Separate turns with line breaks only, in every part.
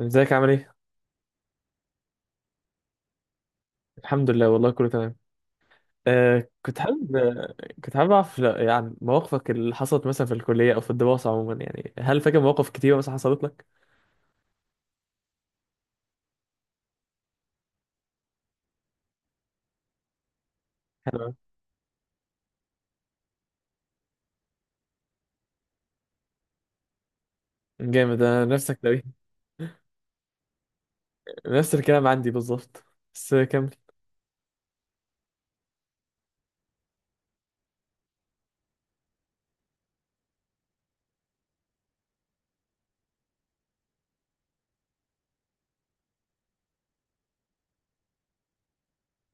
ازيك عامل ايه؟ الحمد لله والله كله تمام. آه كنت حابب آه، كنت حابب اعرف، لا، يعني مواقفك اللي حصلت مثلا في الكلية او في الدراسة عموما، يعني هل فاكر مواقف كتير مثلا حصلت لك؟ حلو أوي. جامد، انا نفسك لو ايه. نفس الكلام عندي بالظبط. بس كمل.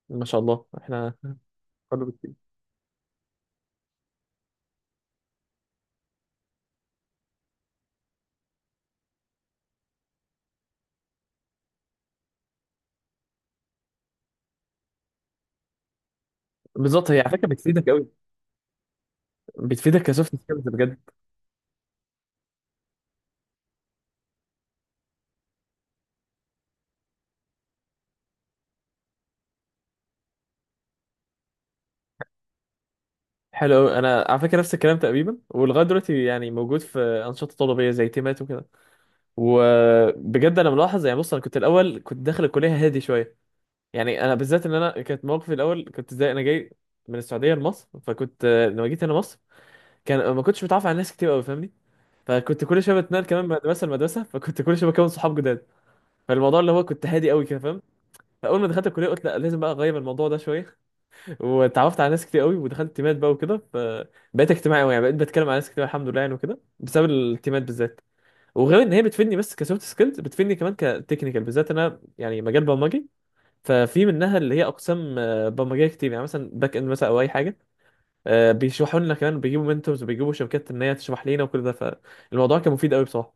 ما شاء الله احنا. كله بتفيد. بالظبط، هي على فكرة بتفيدك قوي. بتفيدك كسوفت سكيلز بجد. حلو قوي، انا على فكرة نفس الكلام تقريبا، ولغاية دلوقتي يعني موجود في انشطة طلابية زي تيمات وكده. وبجد انا ملاحظ، يعني بص، انا كنت الاول كنت داخل الكلية هادي شوية، يعني انا بالذات ان انا كانت موقفي الاول كنت زي انا جاي من السعوديه لمصر، فكنت لما جيت هنا مصر كان ما كنتش متعرف على ناس كتير قوي، فاهمني؟ فكنت كل شويه بتنقل كمان من مدرسه لمدرسه، فكنت كل شويه بكون صحاب جداد. فالموضوع اللي هو كنت هادي قوي كده، فاهم؟ فاول ما دخلت الكليه قلت لا، لازم بقى اغير الموضوع ده شويه. واتعرفت على ناس كتير قوي ودخلت تيمات بقى وكده، فبقيت اجتماعي قوي، يعني بقيت بتكلم على ناس كتير الحمد لله يعني، وكده بسبب التيمات بالذات. وغير ان هي بتفيدني بس كسوفت سكيلز، بتفيدني كمان كتكنيكال بالذات، انا يعني مجال برمجي، ففي منها اللي هي اقسام برمجيه كتير، يعني مثلا باك اند مثلا او اي حاجه، بيشرحوا لنا كمان، بيجيبوا منتورز وبيجيبوا شركات ان هي تشرح لنا، وكل ده فالموضوع كان مفيد قوي بصراحه.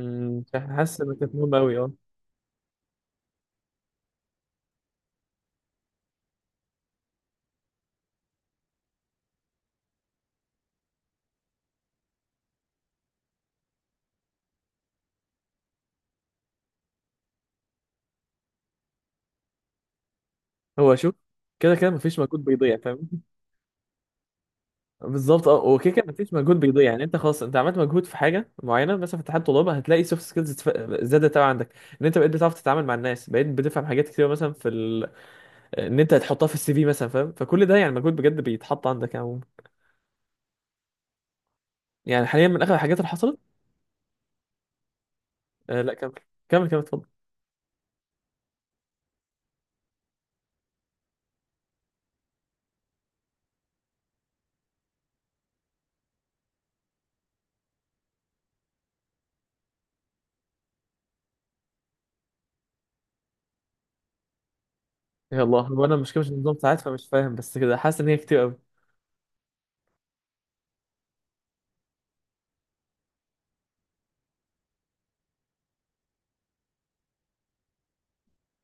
حاسس ان كانت مهمه قوي، اه. هو شوف، كده كده مفيش مجهود بيضيع، فاهم؟ بالظبط، اه. وكده كده مفيش مجهود بيضيع، يعني انت خلاص انت عملت مجهود في حاجه معينه مثلا في اتحاد طلابه، هتلاقي سوفت سكيلز زادت قوي عندك، ان انت بقيت بتعرف تتعامل مع الناس، بقيت بتفهم حاجات كتير مثلا في ان انت هتحطها في السي في مثلا، فاهم؟ فكل ده يعني مجهود بجد بيتحط عندك يعني. يعني حاليا من اخر الحاجات اللي حصلت، آه لا كمل، كمل كمل اتفضل. يا الله، هو انا مش كملش النظام ساعات فمش فاهم، بس كده حاسس ان هي كتير قوي.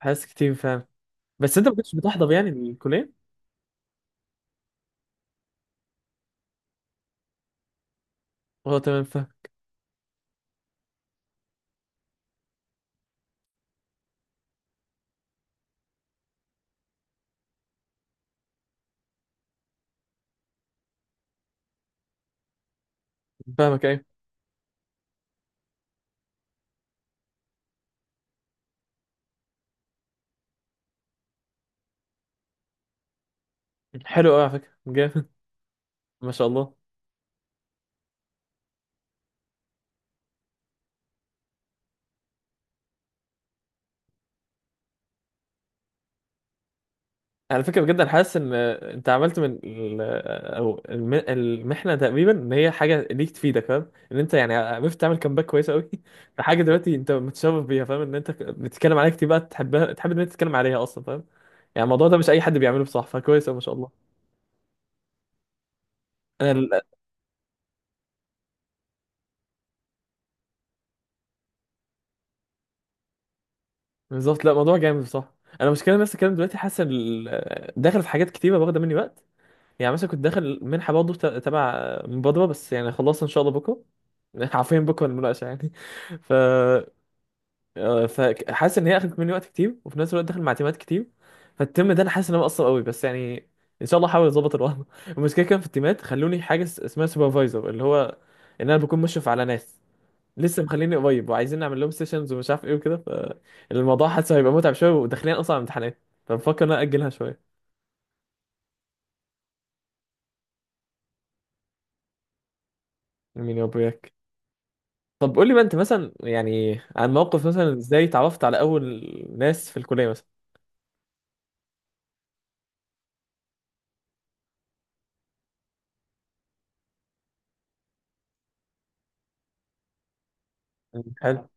حاسس كتير فعلا. بس انت ما كنتش بتحضر يعني الكليه؟ اه تمام، فاهم. فاهمك، ايه. حلو قوي، على فكره جامد. ما شاء الله. على فكره بجد انا حاسس ان انت عملت من المحنه تقريبا ان هي حاجه ليك تفيدك، فاهم؟ ان انت يعني عرفت تعمل كامباك كويس قوي. في حاجه دلوقتي انت متشرف بيها، فاهم؟ ان انت بتتكلم عليها كتير بقى، تحبها، تحب ان انت تتكلم عليها اصلا، فاهم؟ يعني الموضوع ده مش اي حد بيعمله بصح، فكويس أوي ما شاء الله. انا ال- بالظبط، لا موضوع جامد بصح. انا المشكله نفس الكلام دلوقتي، حاسس داخل في حاجات كتيره واخده مني وقت، يعني مثلا كنت داخل منحه برضه تبع مبادره، بس يعني خلاص ان شاء الله بكره. عارفين بكره المناقشه يعني. ف فحاسس ان هي اخدت مني وقت كتير، وفي نفس الوقت داخل مع تيمات كتير، فالترم ده انا حاسس ان انا مقصر قوي، بس يعني ان شاء الله احاول اظبط الوضع. المشكله كان في التيمات خلوني حاجه اسمها سوبرفايزر، اللي هو ان انا بكون مشرف على ناس لسه مخليني قريب، وعايزين نعمل لهم سيشنز ومش عارف ايه وكده، فالموضوع حاسه هيبقى متعب شويه، وداخلين اصلا على امتحانات، فبفكر ان انا اجلها شويه. مين يابوياك؟ طب قول لي بقى انت، مثلا يعني عن موقف مثلا، ازاي اتعرفت على اول ناس في الكليه مثلا؟ مم. حلو.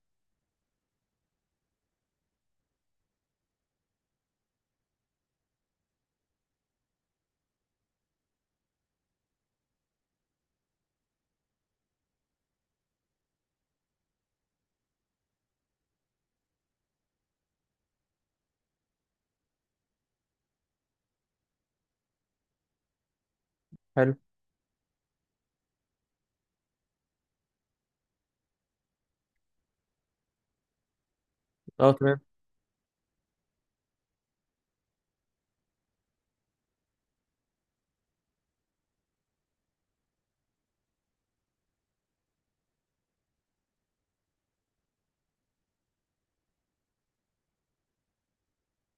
حلو. اه تمام.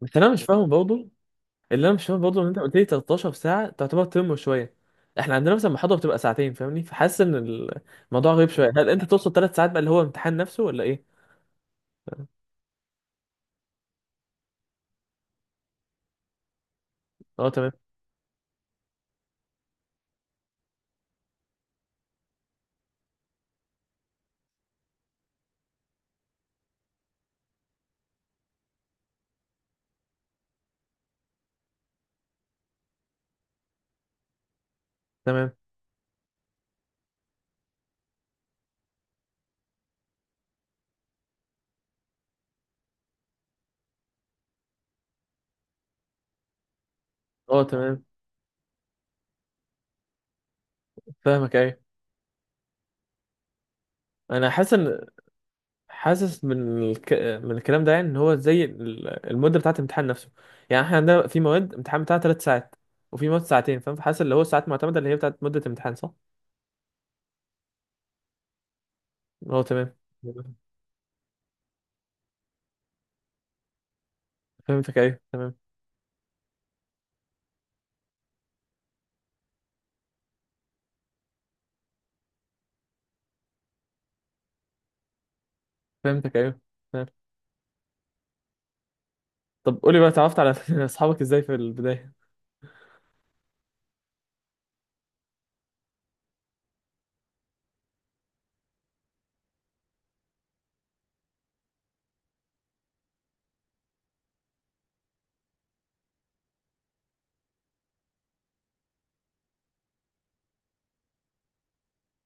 بس انا مش فاهم برضه، اللي انا مش فاهم برضه ان انت قلت لي 13 ساعه تعتبر ترم شويه، احنا عندنا مثلا محاضره بتبقى 2 ساعات، فاهمني؟ فحاسس ان الموضوع غريب شويه، هل انت تقصد 3 ساعات بقى اللي هو امتحان نفسه، ولا ايه؟ اه تمام. تمام. اه تمام، فاهمك ايوه. انا حاسس ان، حاسس من من الكلام ده يعني، ان هو زي المده بتاعه الامتحان نفسه، يعني احنا عندنا في مواد امتحان بتاعها 3 ساعات، وفي مواد 2 ساعات، فاهم؟ فحاسس اللي هو الساعات معتمده اللي هي بتاعه مده الامتحان، صح؟ هو تمام. فهمتك ايوه، تمام. فهمتك ايوه، تمام. طب قولي بقى اتعرفت على اصحابك ازاي في البدايه؟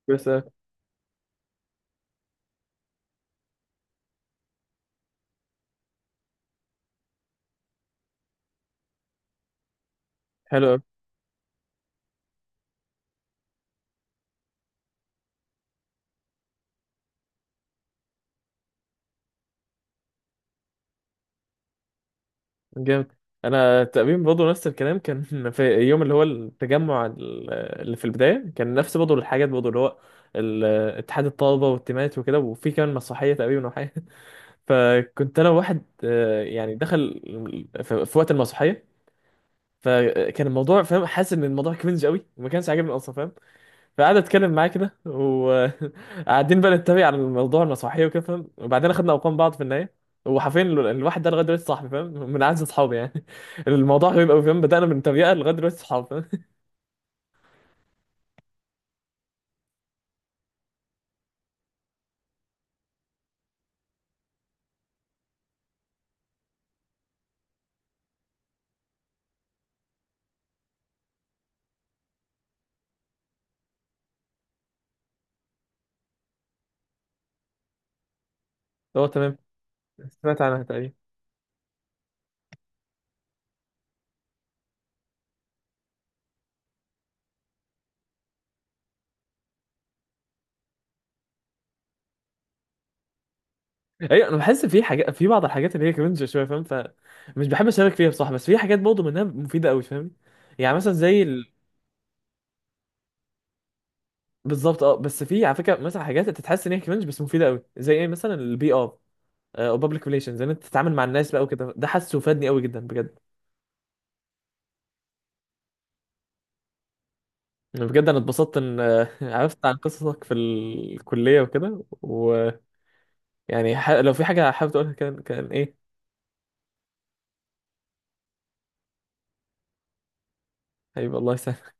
بس. حلو قوي. جامد. انا تقريبا برضه نفس الكلام كان، في يوم اللي هو التجمع اللي في البدايه كان نفس برضه الحاجات برضه، اللي هو ال- اتحاد الطلبه والتيمات وكده، وفي كمان مسرحيه تقريبا وحاجه، فكنت انا واحد يعني دخل في وقت المسرحيه، فكان الموضوع فاهم، حاسس ان الموضوع كرنج قوي وما كانش عاجبني اصلا، فاهم؟ فقعد اتكلم معاه كده، وقاعدين بقى نتريق على الموضوع المسرحيه وكده، فاهم؟ وبعدين خدنا ارقام بعض في النهايه، وحرفيا الواحد ده لغايه دلوقتي صاحبي، فاهم؟ من اعز اصحابي يعني. الموضوع غريب قوي، فاهم؟ بدانا من تريقه لغايه دلوقتي صحاب، فاهم؟ هو تمام. سمعت عنها تقريبا. ايوه انا بحس في حاجات، في بعض الحاجات اللي هي كرنج شويه، فاهم؟ فمش بحب اشارك فيها بصراحه، بس في حاجات برضه منها مفيده قوي، فاهم؟ يعني مثلا زي بالظبط، اه. بس في على فكره مثلا حاجات انت تحس ان هي كرنج بس مفيده قوي، زي ايه مثلا؟ البي ار او بابليك ريليشنز، ان انت تتعامل مع الناس بقى وكده، ده حاسه فادني قوي جدا بجد. أنا بجد انا اتبسطت ان عرفت عن قصصك في الكليه وكده ويعني، لو في حاجه حابب تقولها، كان كان ايه؟ هيبقى الله يسهل.